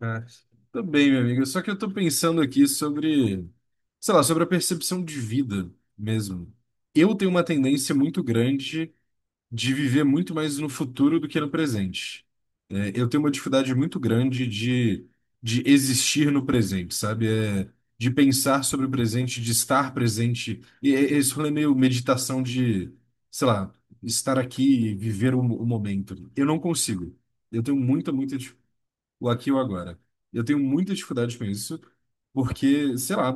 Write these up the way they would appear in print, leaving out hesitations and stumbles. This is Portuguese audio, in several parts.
Ah, tô bem, meu amigo. Só que eu tô pensando aqui sobre, sei lá, sobre a percepção de vida mesmo. Eu tenho uma tendência muito grande de viver muito mais no futuro do que no presente. É, eu tenho uma dificuldade muito grande de existir no presente, sabe? É, de pensar sobre o presente, de estar presente. E esse rolê é meio meditação de, sei lá, estar aqui e viver o, o momento. Eu não consigo. Eu tenho muita dificuldade o aqui e o agora. Eu tenho muita dificuldade com isso, porque, sei lá,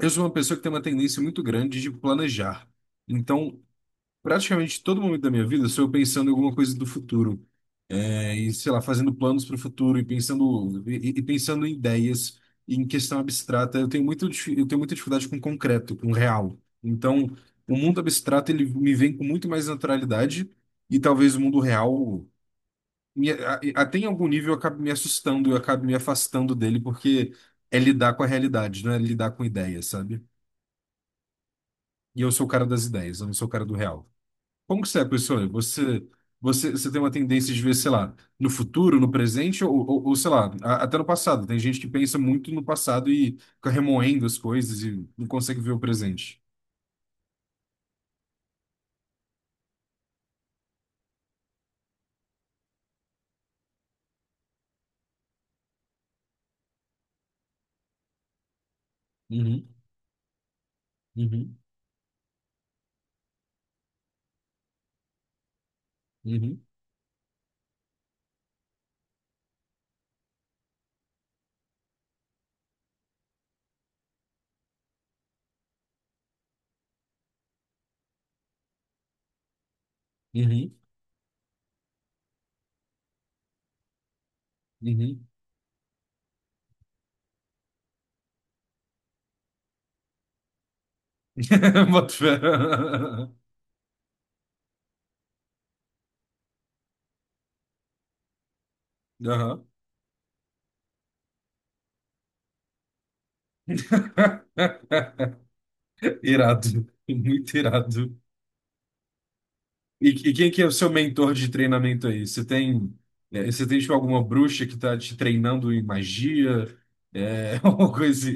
eu sou uma pessoa que tem uma tendência muito grande de planejar. Então, praticamente todo momento da minha vida, eu sou eu pensando em alguma coisa do futuro. É, e, sei lá, fazendo planos para o futuro e pensando, pensando em ideias, em questão abstrata. Eu tenho muito, eu tenho muita dificuldade com concreto, com real. Então, o mundo abstrato, ele me vem com muito mais naturalidade. E talvez o mundo real até em algum nível eu acabo me assustando, eu acabo me afastando dele, porque é lidar com a realidade, não é lidar com ideias, sabe? E eu sou o cara das ideias, eu não sou o cara do real. Como que você é, professor? Você tem uma tendência de ver, sei lá, no futuro, no presente, ou, sei lá, até no passado. Tem gente que pensa muito no passado e fica remoendo as coisas e não consegue ver o presente. Uhum, uhum, uhum, uhum, uhum. Boto fé. Aham. Irado, muito irado. E quem que é o seu mentor de treinamento aí? Você tem, é, você tem tipo, alguma bruxa que tá te treinando em magia? É, alguma coisa assim.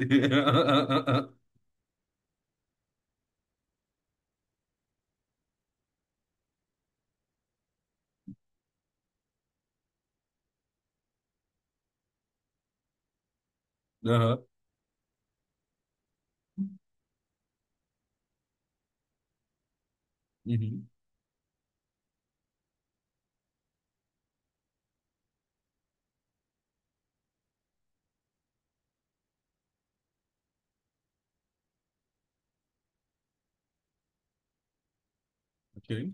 Aham, uhum, ok.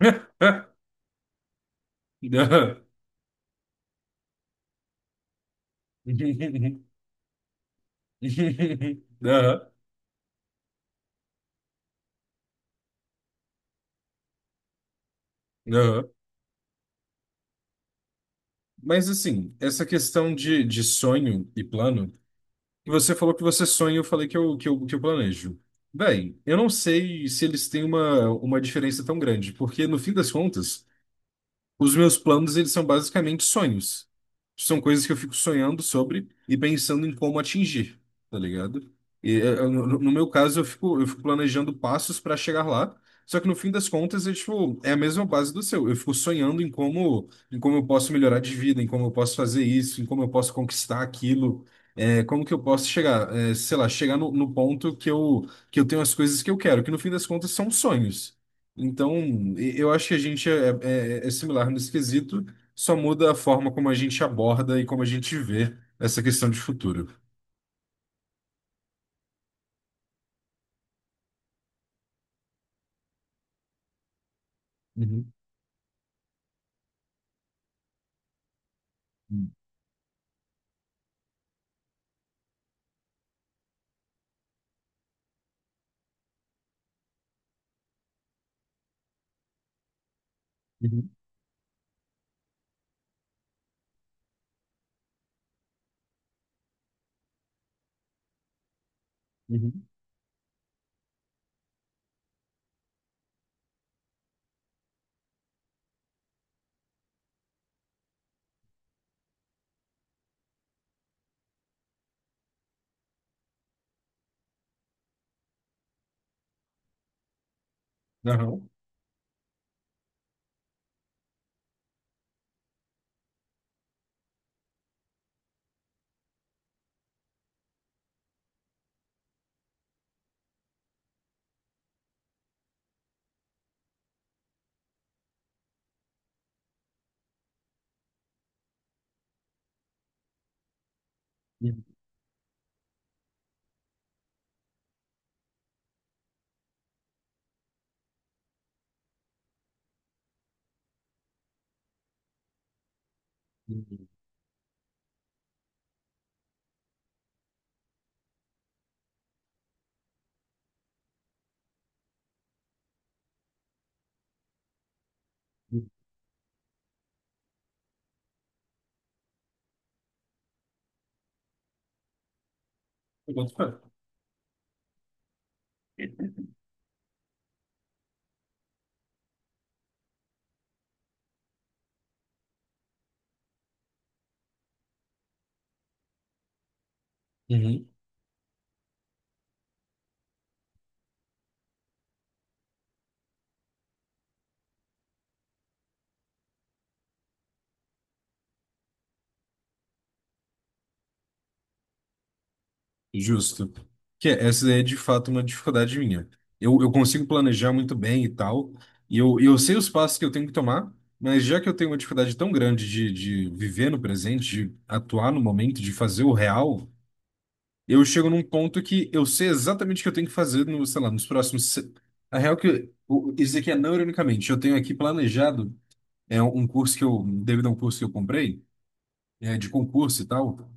Aham. Aham, aham. Mas assim, essa questão de sonho e plano. E você falou que você sonha, eu falei que eu planejo. Bem, eu não sei se eles têm uma diferença tão grande, porque no fim das contas. Os meus planos, eles são basicamente sonhos. São coisas que eu fico sonhando sobre e pensando em como atingir, tá ligado? E no, no meu caso, eu fico planejando passos para chegar lá. Só que no fim das contas, é, tipo, é a mesma base do seu. Eu fico sonhando em como eu posso melhorar de vida, em como eu posso fazer isso, em como eu posso conquistar aquilo, como que eu posso chegar, sei lá, chegar no, no ponto que eu tenho as coisas que eu quero, que no fim das contas são sonhos. Então, eu acho que a gente é, é similar nesse quesito, só muda a forma como a gente aborda e como a gente vê essa questão de futuro. Uhum, uhum, uhum, não, uhum, uhum, uhum. Eu boto fé. Uhum. Justo. Essa é de fato uma dificuldade minha. Eu consigo planejar muito bem e tal, e eu sei os passos que eu tenho que tomar, mas já que eu tenho uma dificuldade tão grande de viver no presente, de atuar no momento, de fazer o real. Eu chego num ponto que eu sei exatamente o que eu tenho que fazer no, sei lá, nos próximos. Se- a real é que isso aqui é não ironicamente. Eu tenho aqui planejado devido a um curso que eu comprei, é, de concurso e tal.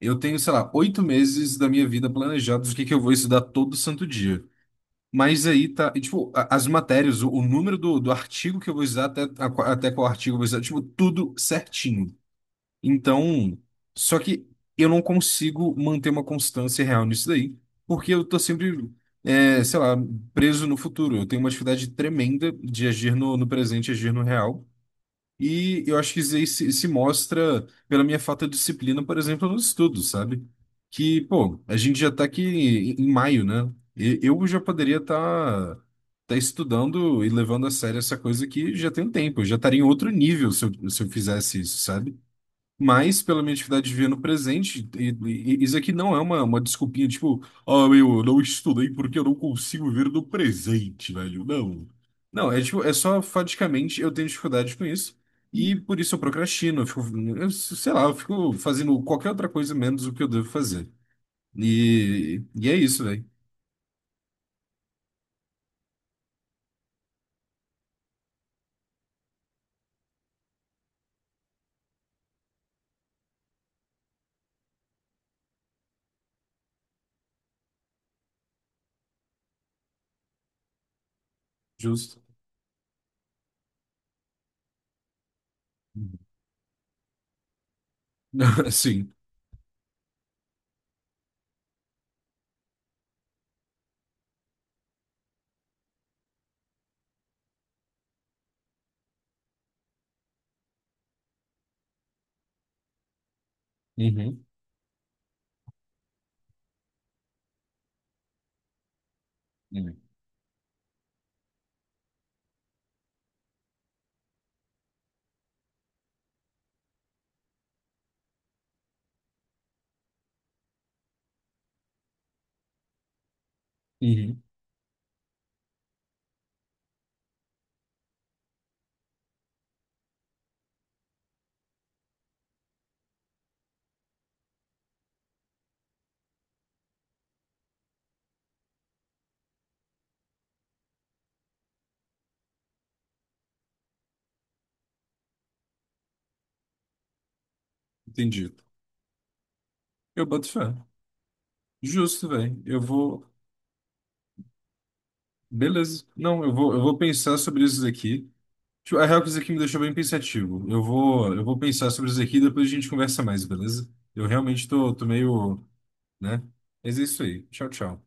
Eu tenho, sei lá, oito meses da minha vida planejados o que que eu vou estudar todo santo dia. Mas aí tá, e, tipo, as matérias, o número do artigo que eu vou usar até, até qual artigo eu vou usar, tipo, tudo certinho. Então, só que eu não consigo manter uma constância real nisso daí, porque eu tô sempre, é, sei lá, preso no futuro. Eu tenho uma dificuldade tremenda de agir no, no presente, agir no real. E eu acho que isso aí se mostra pela minha falta de disciplina, por exemplo, nos estudos, sabe? Que, pô, a gente já tá aqui em maio, né? Eu já poderia estar tá estudando e levando a sério essa coisa que já tem um tempo. Eu já estaria em outro nível se eu, se eu fizesse isso, sabe? Mas, pela minha atividade de ver no presente, isso aqui não é uma desculpinha, tipo, ah, meu, eu não estudei porque eu não consigo ver no presente, velho. Não. Não, é tipo, é só faticamente eu tenho dificuldade com isso. E por isso eu procrastino, eu fico, eu sei lá, eu fico fazendo qualquer outra coisa menos o que eu devo fazer. E é isso, velho. Justo. Uhum. Sim. Uhum. Uhum. Uhum. Entendi. Eu boto fé. Justo, velho. Eu vou. Beleza. Não, eu vou pensar sobre isso daqui. Tipo, a real que isso aqui me deixou bem pensativo. Eu vou pensar sobre isso aqui e depois a gente conversa mais, beleza? Eu realmente tô, tô meio, né? Mas é isso aí. Tchau, tchau.